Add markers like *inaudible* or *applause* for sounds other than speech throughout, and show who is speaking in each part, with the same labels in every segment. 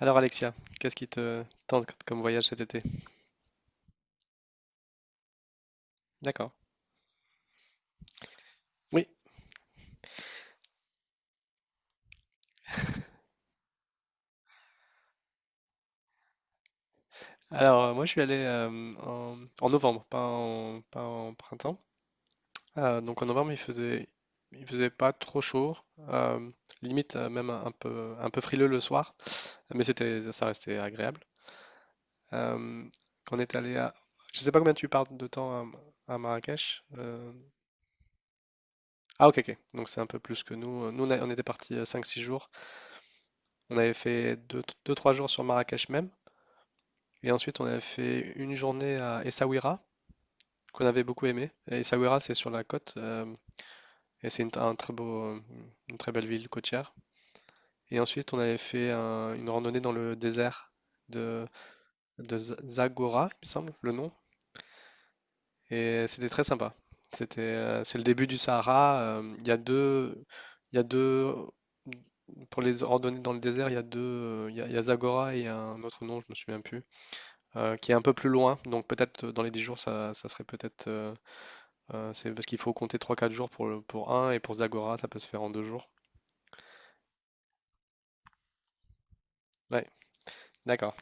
Speaker 1: Alors Alexia, qu'est-ce qui te tente comme voyage cet été? D'accord. Oui. Alors moi je suis allé en novembre, pas en printemps. Donc en novembre il faisait pas trop chaud, euh, limite même un peu frileux le soir, mais c'était ça restait agréable. Euh, Quand on est allé à, je sais pas combien tu pars de temps à Marrakech. Ah, ok, ok, donc c'est un peu plus que nous. Nous, on était partis 5 6 jours. On avait fait 2 3 jours sur Marrakech même. Et ensuite, on a fait une journée à Essaouira, qu'on avait beaucoup aimé. Et Essaouira, c'est sur la côte, et c'est une très belle ville côtière. Et ensuite, on avait fait une randonnée dans le désert de, de Zagora, il me semble, le nom. Et c'était très sympa. C'est le début du Sahara. Il y a deux, il y a deux, Pour les randonnées dans le désert, il y a Zagora et il y a un autre nom, je me souviens plus, qui est un peu plus loin. Donc peut-être dans les 10 jours, ça serait peut-être C'est parce qu'il faut compter 3 4 jours pour, pour un et pour Zagora, ça peut se faire en 2 jours. Ouais, d'accord.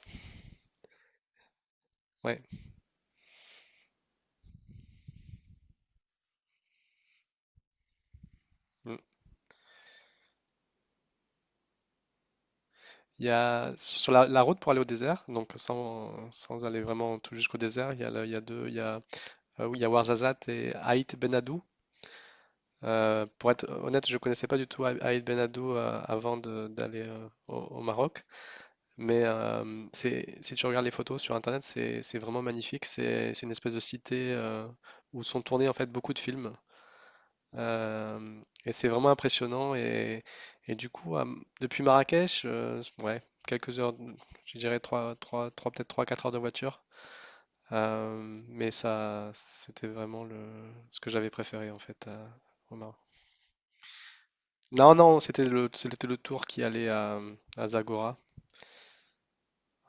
Speaker 1: Ouais. Mm. Sur la route pour aller au désert, donc sans aller vraiment tout jusqu'au désert, oui, il y a Ouarzazate et Aït Ben Haddou. Pour être honnête, je ne connaissais pas du tout Aït Ben Haddou avant d'aller au Maroc, mais si tu regardes les photos sur Internet, c'est vraiment magnifique. C'est une espèce de cité où sont tournés en fait beaucoup de films. Et c'est vraiment impressionnant. Et du coup, depuis Marrakech, ouais, quelques heures, je dirais trois trois trois peut-être 3 4 heures de voiture. Mais ça, c'était vraiment ce que j'avais préféré en fait, au Maroc. Non, non, c'était le tour qui allait à Zagora.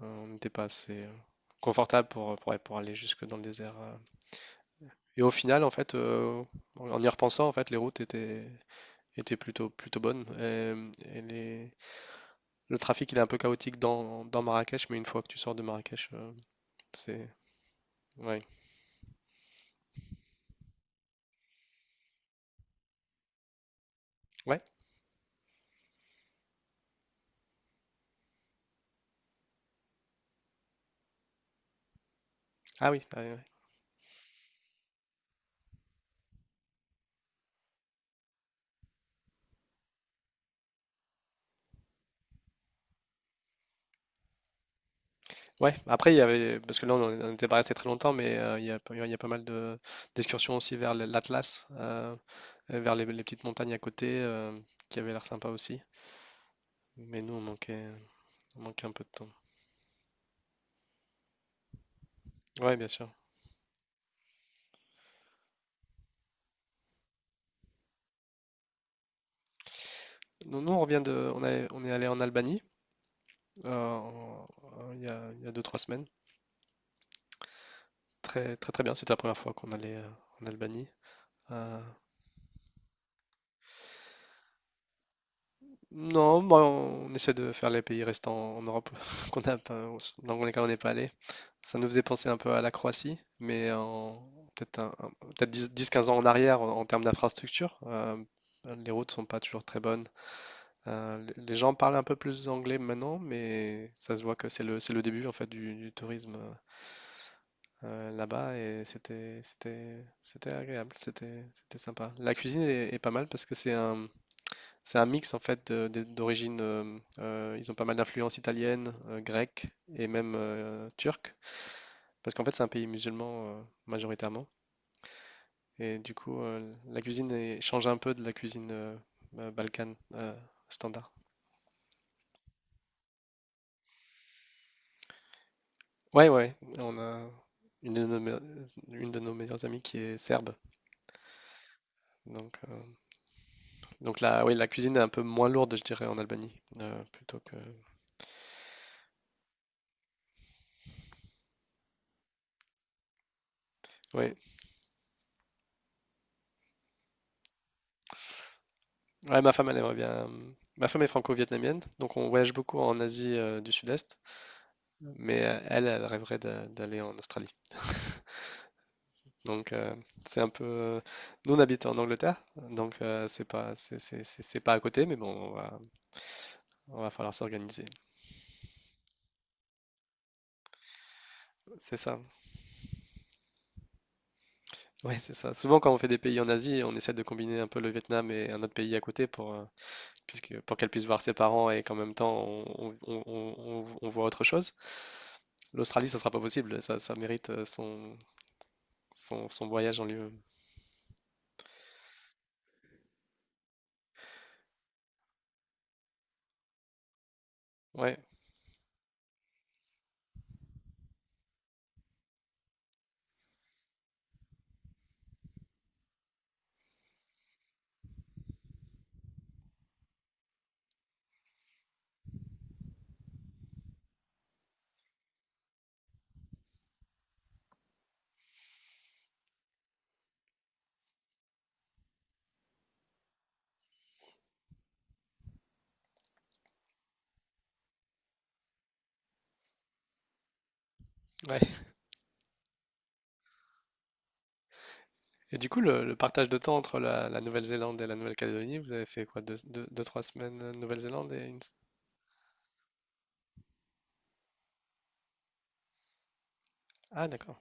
Speaker 1: On n'était pas assez confortable pour aller jusque dans le désert. Et au final, en fait, en y repensant, en fait, les routes étaient plutôt bonnes. Le trafic, il est un peu chaotique dans Marrakech, mais une fois que tu sors de Marrakech, c'est... Ouais. Ouais? Ah oui. Ouais, ouais. Ouais, après, Parce que là, on n'était pas resté très longtemps, mais il y a pas mal de d'excursions aussi vers l'Atlas, et vers les petites montagnes à côté, qui avaient l'air sympa aussi. Mais nous, on manquait un peu de temps. Ouais, bien sûr. Nous, on revient. On est allé en Albanie il y a 2 3 semaines. Très, très, très bien. C'était la première fois qu'on allait en Albanie. Euh, Non, bah, on essaie de faire les pays restants en Europe *laughs* qu'on n'a pas, dans lesquels on n'est pas allé. Ça nous faisait penser un peu à la Croatie, mais en peut-être peut-être 10-15 ans en arrière en termes d'infrastructure. Les routes sont pas toujours très bonnes. Les gens parlent un peu plus anglais maintenant, mais ça se voit que c'est le début en fait du tourisme là-bas et c'était agréable, c'était sympa. La cuisine est pas mal parce que c'est un mix en fait d'origine. Ils ont pas mal d'influences italiennes, grecques et même turques, parce qu'en fait c'est un pays musulman majoritairement. Et du coup, la cuisine change un peu de la cuisine balkane standard. Ouais, ouais. On a une de nos, me- une de nos meilleures amies qui est serbe, donc euh, donc là, oui, la cuisine est un peu moins lourde, je dirais, en Albanie, plutôt que. Oui, ouais, ma femme elle aimerait bien. Ma femme est franco-vietnamienne, donc on voyage beaucoup en Asie du Sud-Est. Mm. Mais elle rêverait d'aller en Australie. *laughs* Donc c'est un peu. Nous on habite en Angleterre, donc c'est pas c'est c'est pas à côté, mais bon, on va falloir s'organiser. C'est ça. Oui, c'est ça. Souvent quand on fait des pays en Asie, on essaie de combiner un peu le Vietnam et un autre pays à côté pour puisque pour qu'elle puisse voir ses parents et qu'en même temps on voit autre chose. L'Australie, ça sera pas possible. Ça mérite son voyage en lui-même. Ouais, ouais. Et du coup, le partage de temps entre la Nouvelle-Zélande et la Nouvelle-Calédonie, vous avez fait quoi? Deux, 3 semaines Nouvelle-Zélande et Ah, d'accord,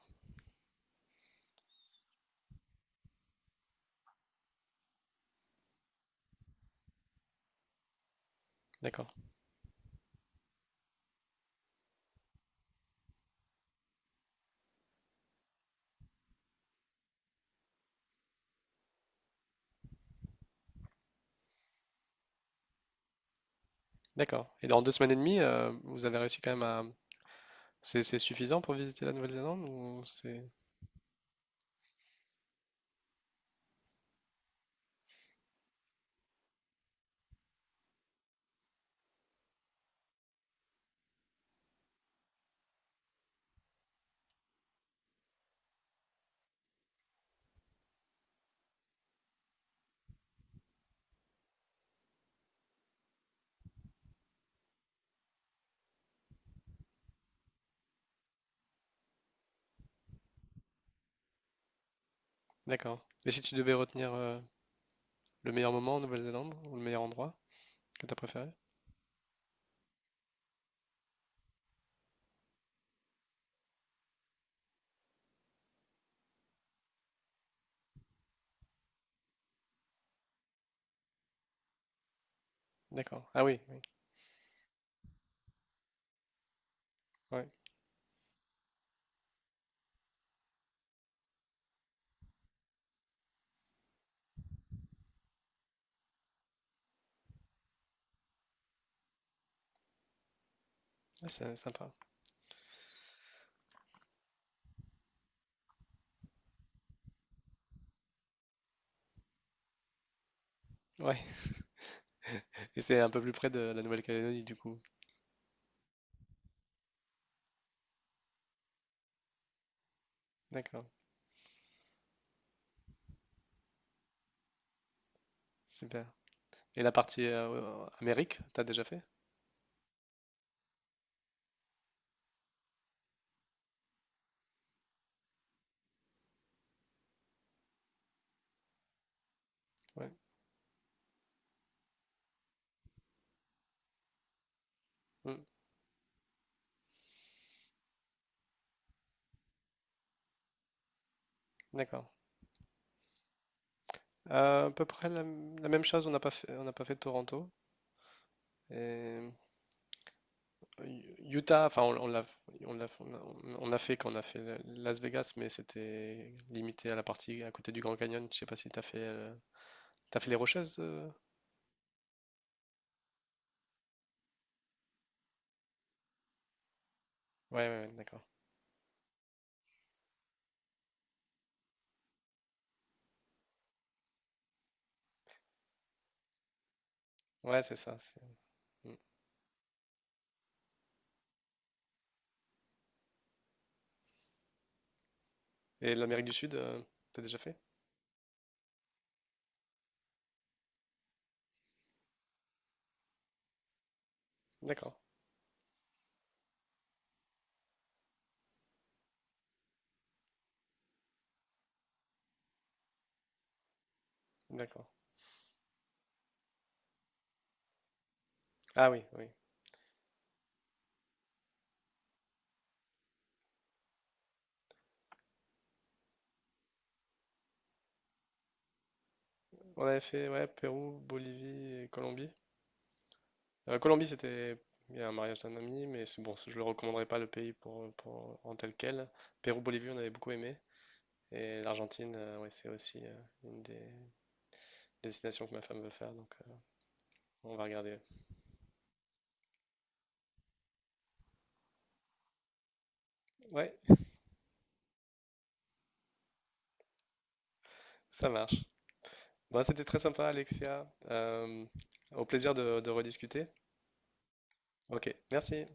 Speaker 1: d'accord, d'accord. Et dans 2 semaines et demie, vous avez réussi quand même à... C'est suffisant pour visiter la Nouvelle-Zélande ou c'est... D'accord. Et si tu devais retenir le meilleur moment en Nouvelle-Zélande ou le meilleur endroit que tu as préféré? D'accord. Ah oui, oui. Ouais. Ah, c'est sympa. Ouais. *laughs* Et c'est un peu plus près de la Nouvelle-Calédonie du coup. D'accord. Super. Et la partie Amérique, t'as déjà fait? Ouais. Mm. D'accord. À peu près la même chose, on n'a pas fait Toronto. Et Utah, enfin, on l'a- on a fait quand on a fait Las Vegas, mais c'était limité à la partie à côté du Grand Canyon. Je sais pas si t'as fait, t'as fait, les Rocheuses. Ouais, ouais, ouais, d'accord. Ouais, c'est ça. Mm. Et l'Amérique du Sud, t'as déjà fait? D'accord, d'accord. Ah oui, oui. On avait fait, ouais, Pérou, Bolivie et Colombie. Colombie, c'était il y a un mariage d'un ami, mais c'est bon, je le recommanderais pas le pays pour, en tel quel. Pérou, Bolivie, on avait beaucoup aimé. Et l'Argentine, ouais, c'est aussi une des destinations que ma femme veut faire, donc on va regarder. Ouais, ça marche. Bon, c'était très sympa, Alexia. Au plaisir de rediscuter. Ok, merci.